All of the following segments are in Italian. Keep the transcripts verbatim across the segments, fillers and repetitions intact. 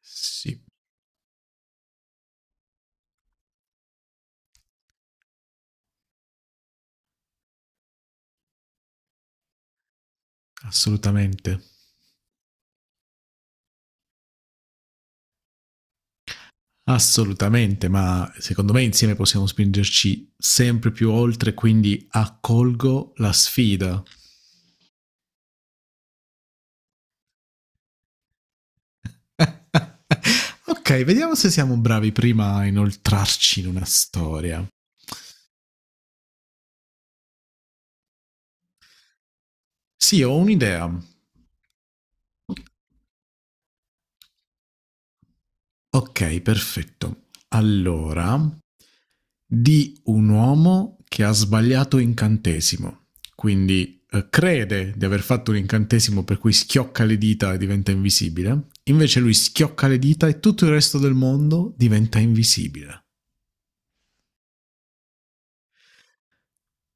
Sì, assolutamente. Assolutamente, ma secondo me insieme possiamo spingerci sempre più oltre, quindi accolgo la sfida. Ok, vediamo se siamo bravi prima a inoltrarci in una storia. Sì, ho un'idea. Ok, perfetto. Allora, di un uomo che ha sbagliato incantesimo, quindi eh, crede di aver fatto un incantesimo per cui schiocca le dita e diventa invisibile, invece lui schiocca le dita e tutto il resto del mondo diventa invisibile.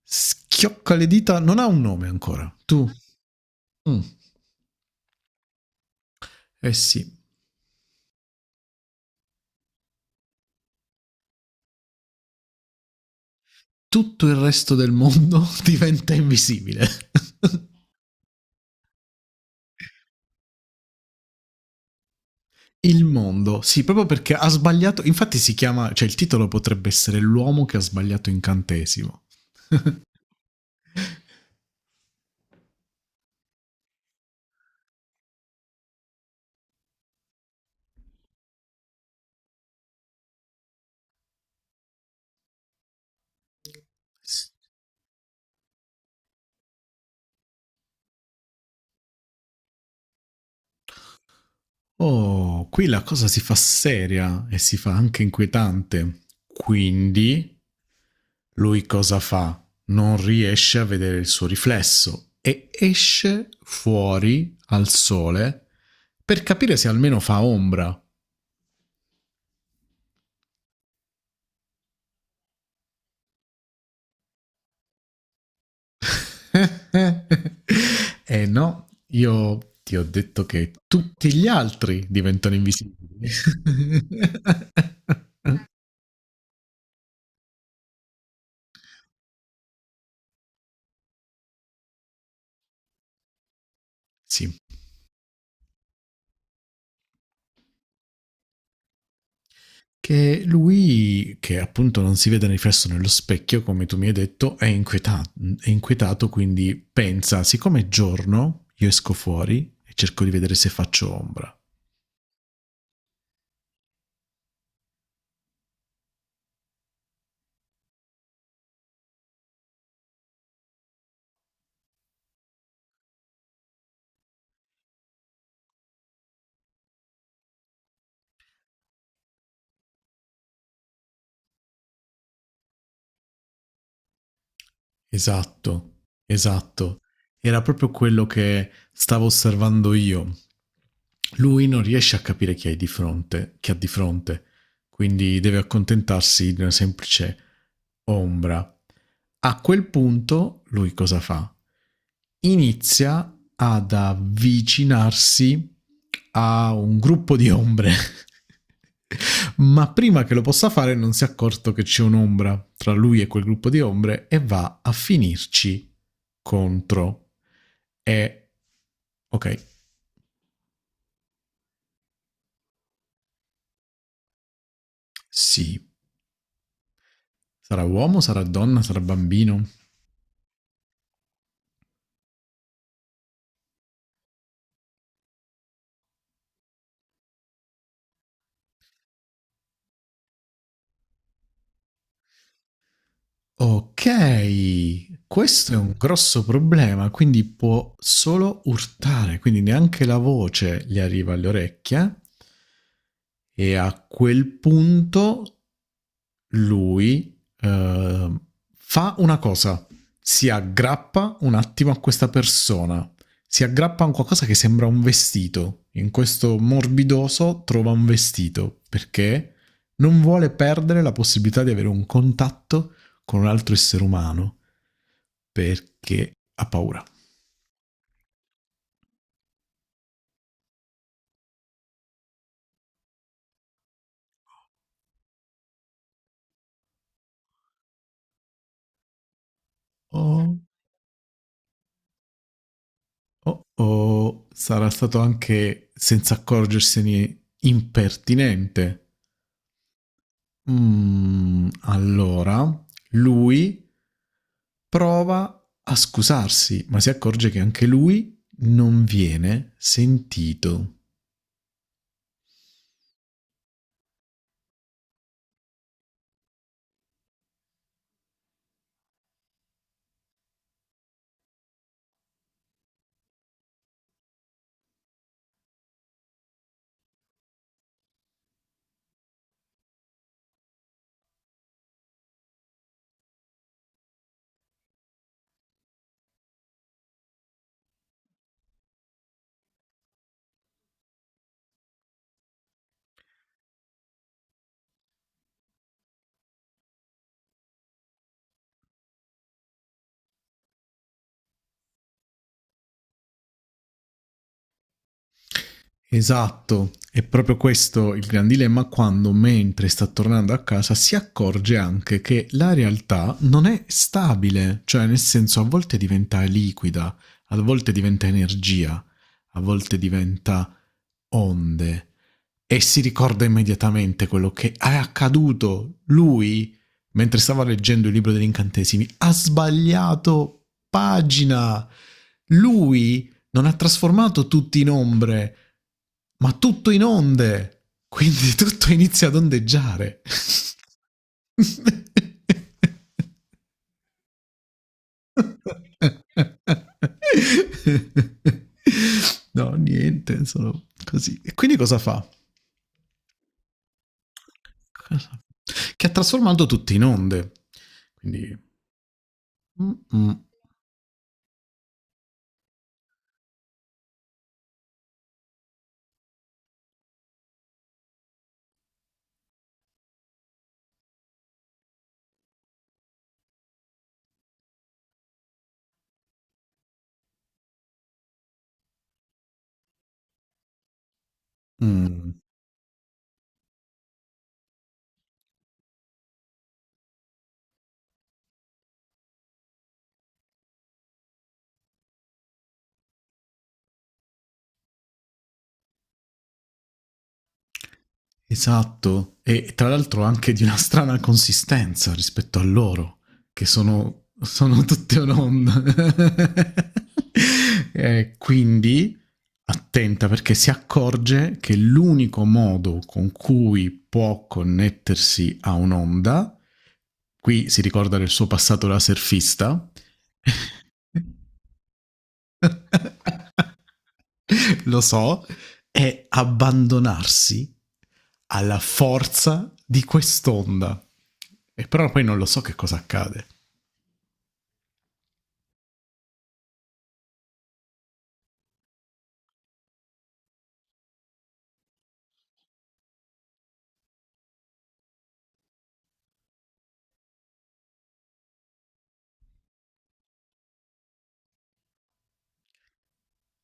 Schiocca le dita non ha un nome ancora. Tu? Mm. Eh sì, tutto il resto del mondo diventa invisibile. Il mondo, sì, proprio perché ha sbagliato, infatti si chiama, cioè il titolo potrebbe essere L'uomo che ha sbagliato incantesimo. Oh, qui la cosa si fa seria e si fa anche inquietante. Quindi lui cosa fa? Non riesce a vedere il suo riflesso e esce fuori al sole per capire se almeno fa ombra. Eh no, io ti ho detto che tutti gli altri diventano invisibili. Sì, che lui, che appunto non si vede riflesso nello specchio, come tu mi hai detto, è inquietato, è inquietato quindi pensa, siccome è giorno, io esco fuori e cerco di vedere se faccio ombra. Esatto, esatto. Era proprio quello che stavo osservando io. Lui non riesce a capire chi hai di fronte, che ha di fronte quindi deve accontentarsi di una semplice ombra. A quel punto lui cosa fa? Inizia ad avvicinarsi a un gruppo di ombre, ma prima che lo possa fare non si è accorto che c'è un'ombra tra lui e quel gruppo di ombre e va a finirci contro. E ok, sì, sarà uomo, sarà donna, sarà bambino. Ok, questo è un grosso problema, quindi può solo urtare, quindi neanche la voce gli arriva alle orecchie e a quel punto lui eh, fa una cosa, si aggrappa un attimo a questa persona, si aggrappa a un qualcosa che sembra un vestito, in questo morbidoso trova un vestito perché non vuole perdere la possibilità di avere un contatto con un altro essere umano perché ha paura. O, o- o sarà stato anche senza accorgersene impertinente. Mm, allora, lui prova a scusarsi, ma si accorge che anche lui non viene sentito. Esatto, è proprio questo il gran dilemma quando, mentre sta tornando a casa, si accorge anche che la realtà non è stabile, cioè nel senso a volte diventa liquida, a volte diventa energia, a volte diventa onde e si ricorda immediatamente quello che è accaduto. Lui, mentre stava leggendo il libro degli incantesimi, ha sbagliato pagina. Lui non ha trasformato tutti in ombre, ma tutto in onde. Quindi tutto inizia ad ondeggiare. No, niente, sono così. E quindi cosa fa? Cosa- Che ha trasformato tutti in onde. Quindi... mm, mm, mm. Esatto, e tra l'altro anche di una strana consistenza rispetto a loro, che sono, sono tutte un'onda. Eh, quindi attenta perché si accorge che l'unico modo con cui può connettersi a un'onda, qui si ricorda del suo passato da surfista, lo so, è abbandonarsi alla forza di quest'onda. E però poi non lo so che cosa accade.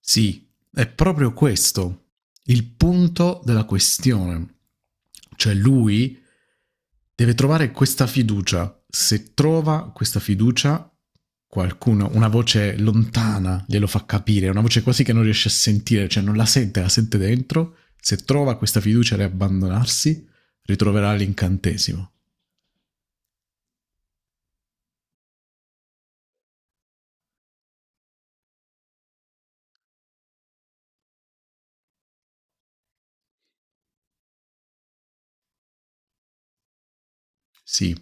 Sì, è proprio questo il punto della questione. Cioè lui deve trovare questa fiducia. Se trova questa fiducia, qualcuno, una voce lontana glielo fa capire, una voce quasi che non riesce a sentire, cioè non la sente, la sente dentro. Se trova questa fiducia e abbandonarsi, ritroverà l'incantesimo. Sì,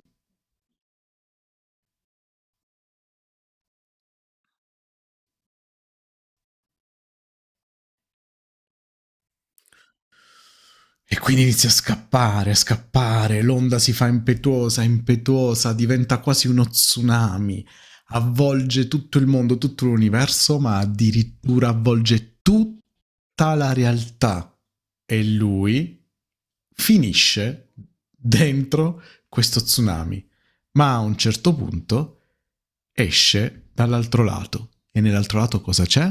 e quindi inizia a scappare, a scappare, l'onda si fa impetuosa, impetuosa, diventa quasi uno tsunami, avvolge tutto il mondo, tutto l'universo, ma addirittura avvolge tutta la realtà. E lui finisce dentro questo tsunami, ma a un certo punto esce dall'altro lato. E nell'altro lato cosa c'è?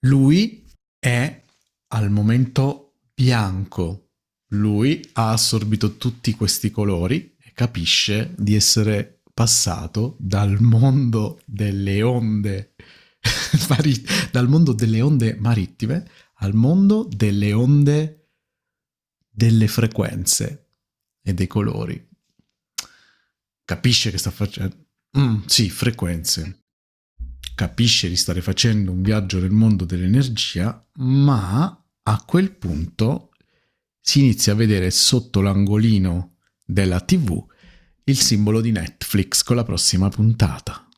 Lui è al momento bianco, lui ha assorbito tutti questi colori e capisce di essere passato dal mondo delle onde mari- dal mondo delle onde marittime al mondo delle onde delle frequenze e dei colori. Capisce che sta facendo. Mm, sì, frequenze. Capisce di stare facendo un viaggio nel mondo dell'energia, ma a quel punto si inizia a vedere sotto l'angolino della T V il simbolo di Netflix con la prossima puntata.